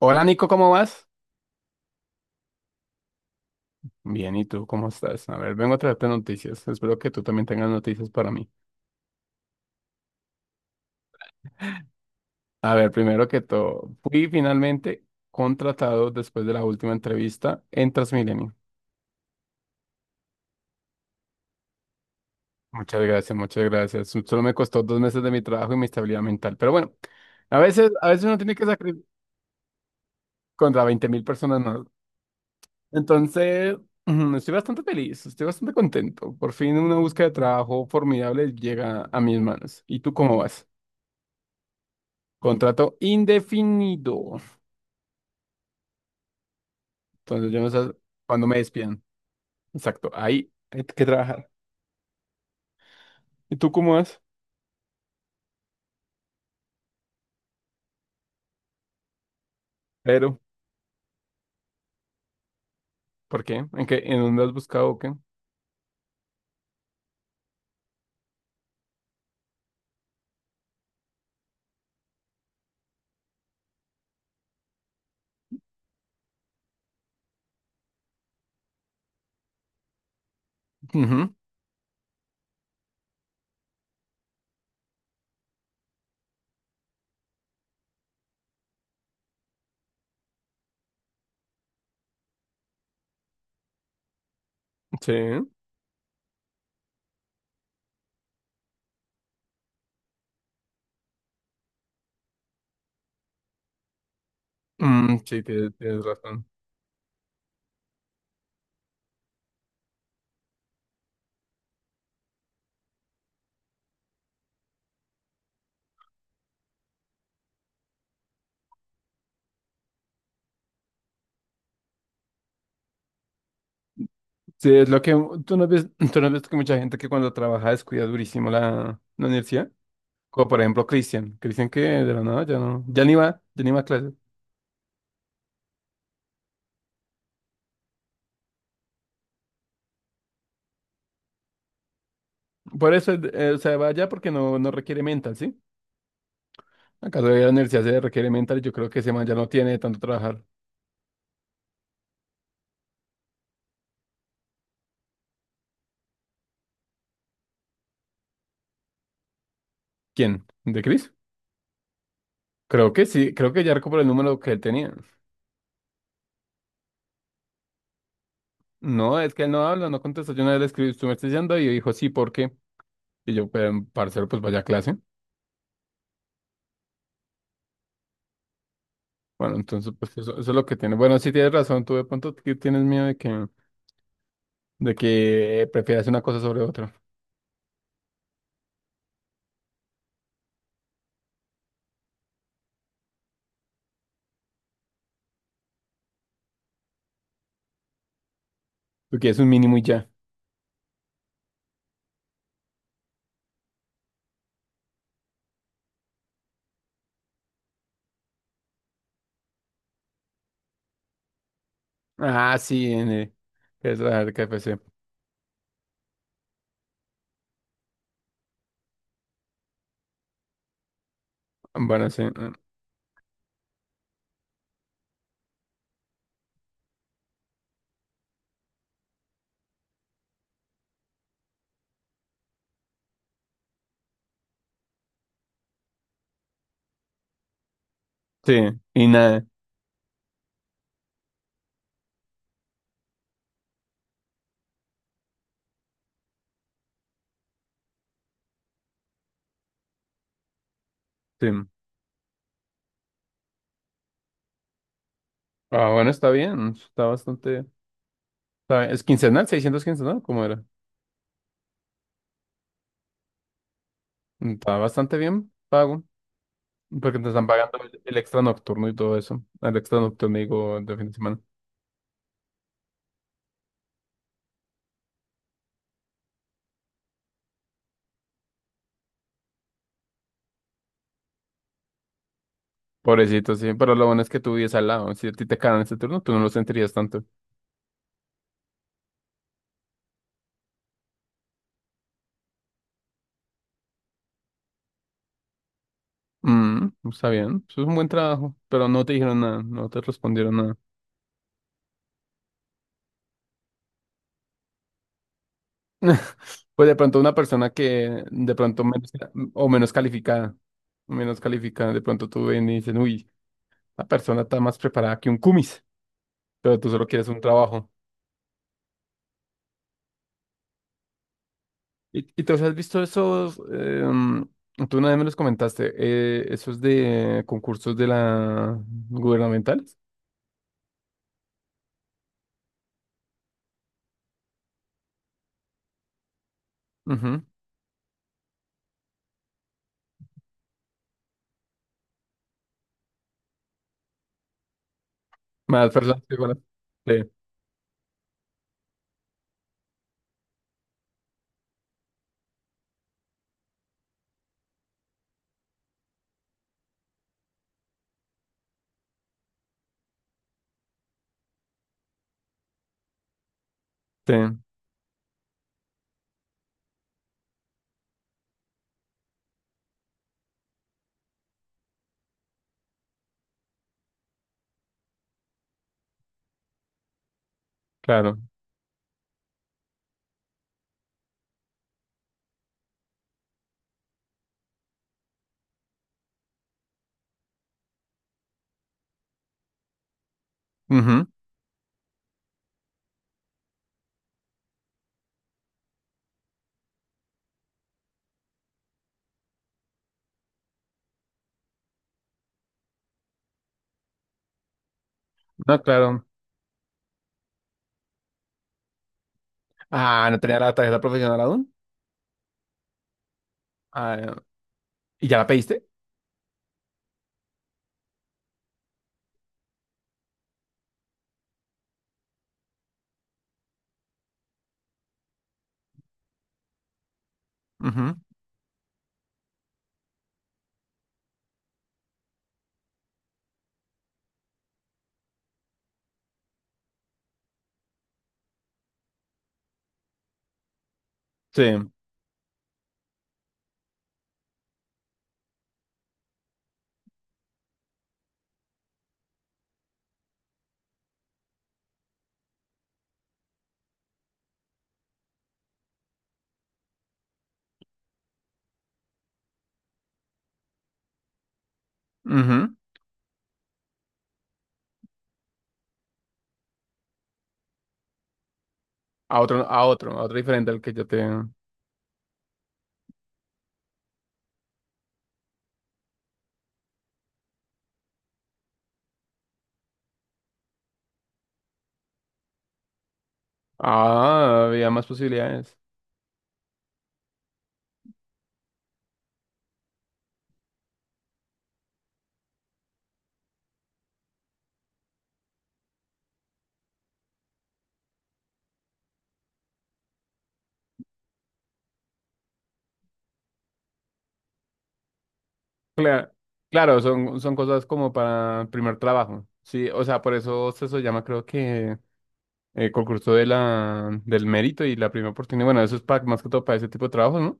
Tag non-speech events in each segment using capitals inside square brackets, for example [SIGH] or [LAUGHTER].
Hola Nico, ¿cómo vas? Bien, ¿y tú cómo estás? A ver, vengo a traerte noticias. Espero que tú también tengas noticias para mí. A ver, primero que todo, fui finalmente contratado después de la última entrevista en Transmilenio. Muchas gracias, muchas gracias. Solo me costó 2 meses de mi trabajo y mi estabilidad mental. Pero bueno, a veces uno tiene que sacrificar contra 20.000 personas, ¿no? Entonces, [CLEARS THROAT] ujú, estoy bastante feliz, estoy bastante contento. Por fin una búsqueda de trabajo formidable llega a mis manos. ¿Y tú cómo vas? Contrato indefinido. Entonces yo no sé cuándo me despidan. Exacto, ahí hay que trabajar. ¿Y tú cómo vas? Pero, ¿por qué? ¿En qué? ¿En dónde has buscado o qué? Ujú. Sí. Mm, sí, tienes razón. Sí, es lo que tú no ves, [CLEARS THROAT] tú no ves que mucha gente que cuando trabaja descuida durísimo la universidad. Como por ejemplo Cristian. Cristian que de la nada ya no, ya ni va a clases. Por eso, o sea, va allá porque no requiere mental, ¿sí? Acaso de la universidad se requiere mental y yo creo que ese man ya no tiene de tanto trabajar. ¿Quién? ¿De Chris? Creo que sí, creo que ya por el número que él tenía. No, es que él no habla, no contesta. Yo una vez le escribí, tú me estás diciendo, y dijo, sí, ¿por qué? Y yo, pero, parcero, pues vaya a clase. Bueno, entonces, pues eso, es lo que tiene. Bueno, sí tienes razón, tú de pronto que tienes miedo de que prefieras una cosa sobre otra. Porque es un mínimo y ya. Ah, sí, es la KFC. Bueno, sí. Mm, sí, y nada, sí. Ah, bueno, está bien, está bastante. Está bien. ¿Es quincenal? 600 quincenal. ¿Cómo era? Mm, está bastante bien pago. Porque te están pagando el extra nocturno y todo eso. El extra nocturno, digo, de fin de semana. Pobrecito, sí. Pero lo bueno es que tú vives al lado. Si a ti te cagan ese turno, tú no lo sentirías tanto. Mm, está bien. Eso es un buen trabajo. Pero no te dijeron nada. No te respondieron nada. [LAUGHS] Pues de pronto una persona que de pronto o menos calificada. Menos calificada. De pronto tú ven y dicen, uy, la persona está más preparada que un cumis. Pero tú solo quieres un trabajo. ¿Y te has visto esos? Tú una vez me los comentaste, esos de concursos de la gubernamentales. Ujú. Más personas que van. Sí, sí, claro. Ujú. No, claro. Ah, ¿no tenía la tarjeta profesional aún? Ah, ya. ¿Y ya la pediste? Ujú. Sí. Ujú. A otro diferente al que yo te... Ah, había más posibilidades. Claro, claro, son cosas como para primer trabajo. Sí, o sea, por eso se eso llama, creo que concurso de la, del mérito y la primera oportunidad. Bueno, eso es para, más que todo para ese tipo de trabajos, ¿no?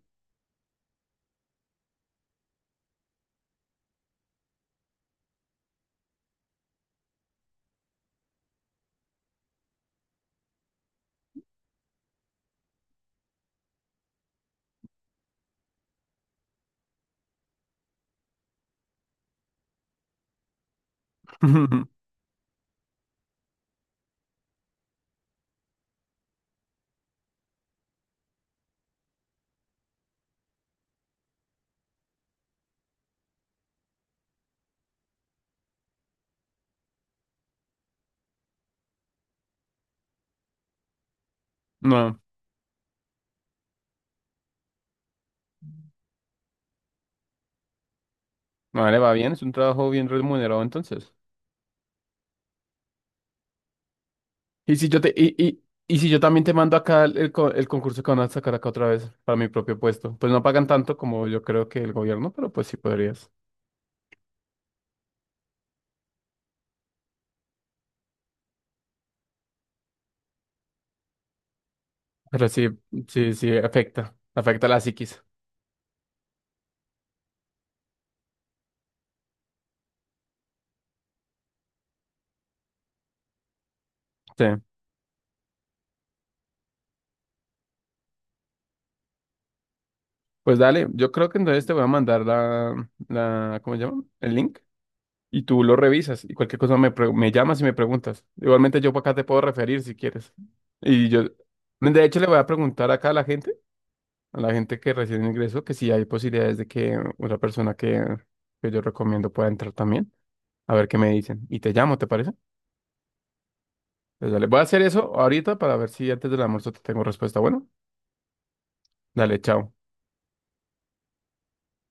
[LAUGHS] No, no le va bien, es un trabajo bien remunerado entonces. Y si yo también te mando acá el, el concurso que van a sacar acá otra vez para mi propio puesto, pues no pagan tanto como yo creo que el gobierno, pero pues sí podrías. Pero sí, sí, sí, afecta la psiquis. Sí. Pues dale, yo creo que entonces te voy a mandar la, ¿cómo se llama? El link, y tú lo revisas y cualquier cosa me llamas y me preguntas. Igualmente yo por acá te puedo referir si quieres. Y yo, de hecho, le voy a preguntar acá a la gente, que recién ingresó, que si hay posibilidades de que una persona que yo recomiendo pueda entrar también, a ver qué me dicen. Y te llamo, ¿te parece? Pues dale, voy a hacer eso ahorita para ver si antes del almuerzo te tengo respuesta. Bueno, dale, chao.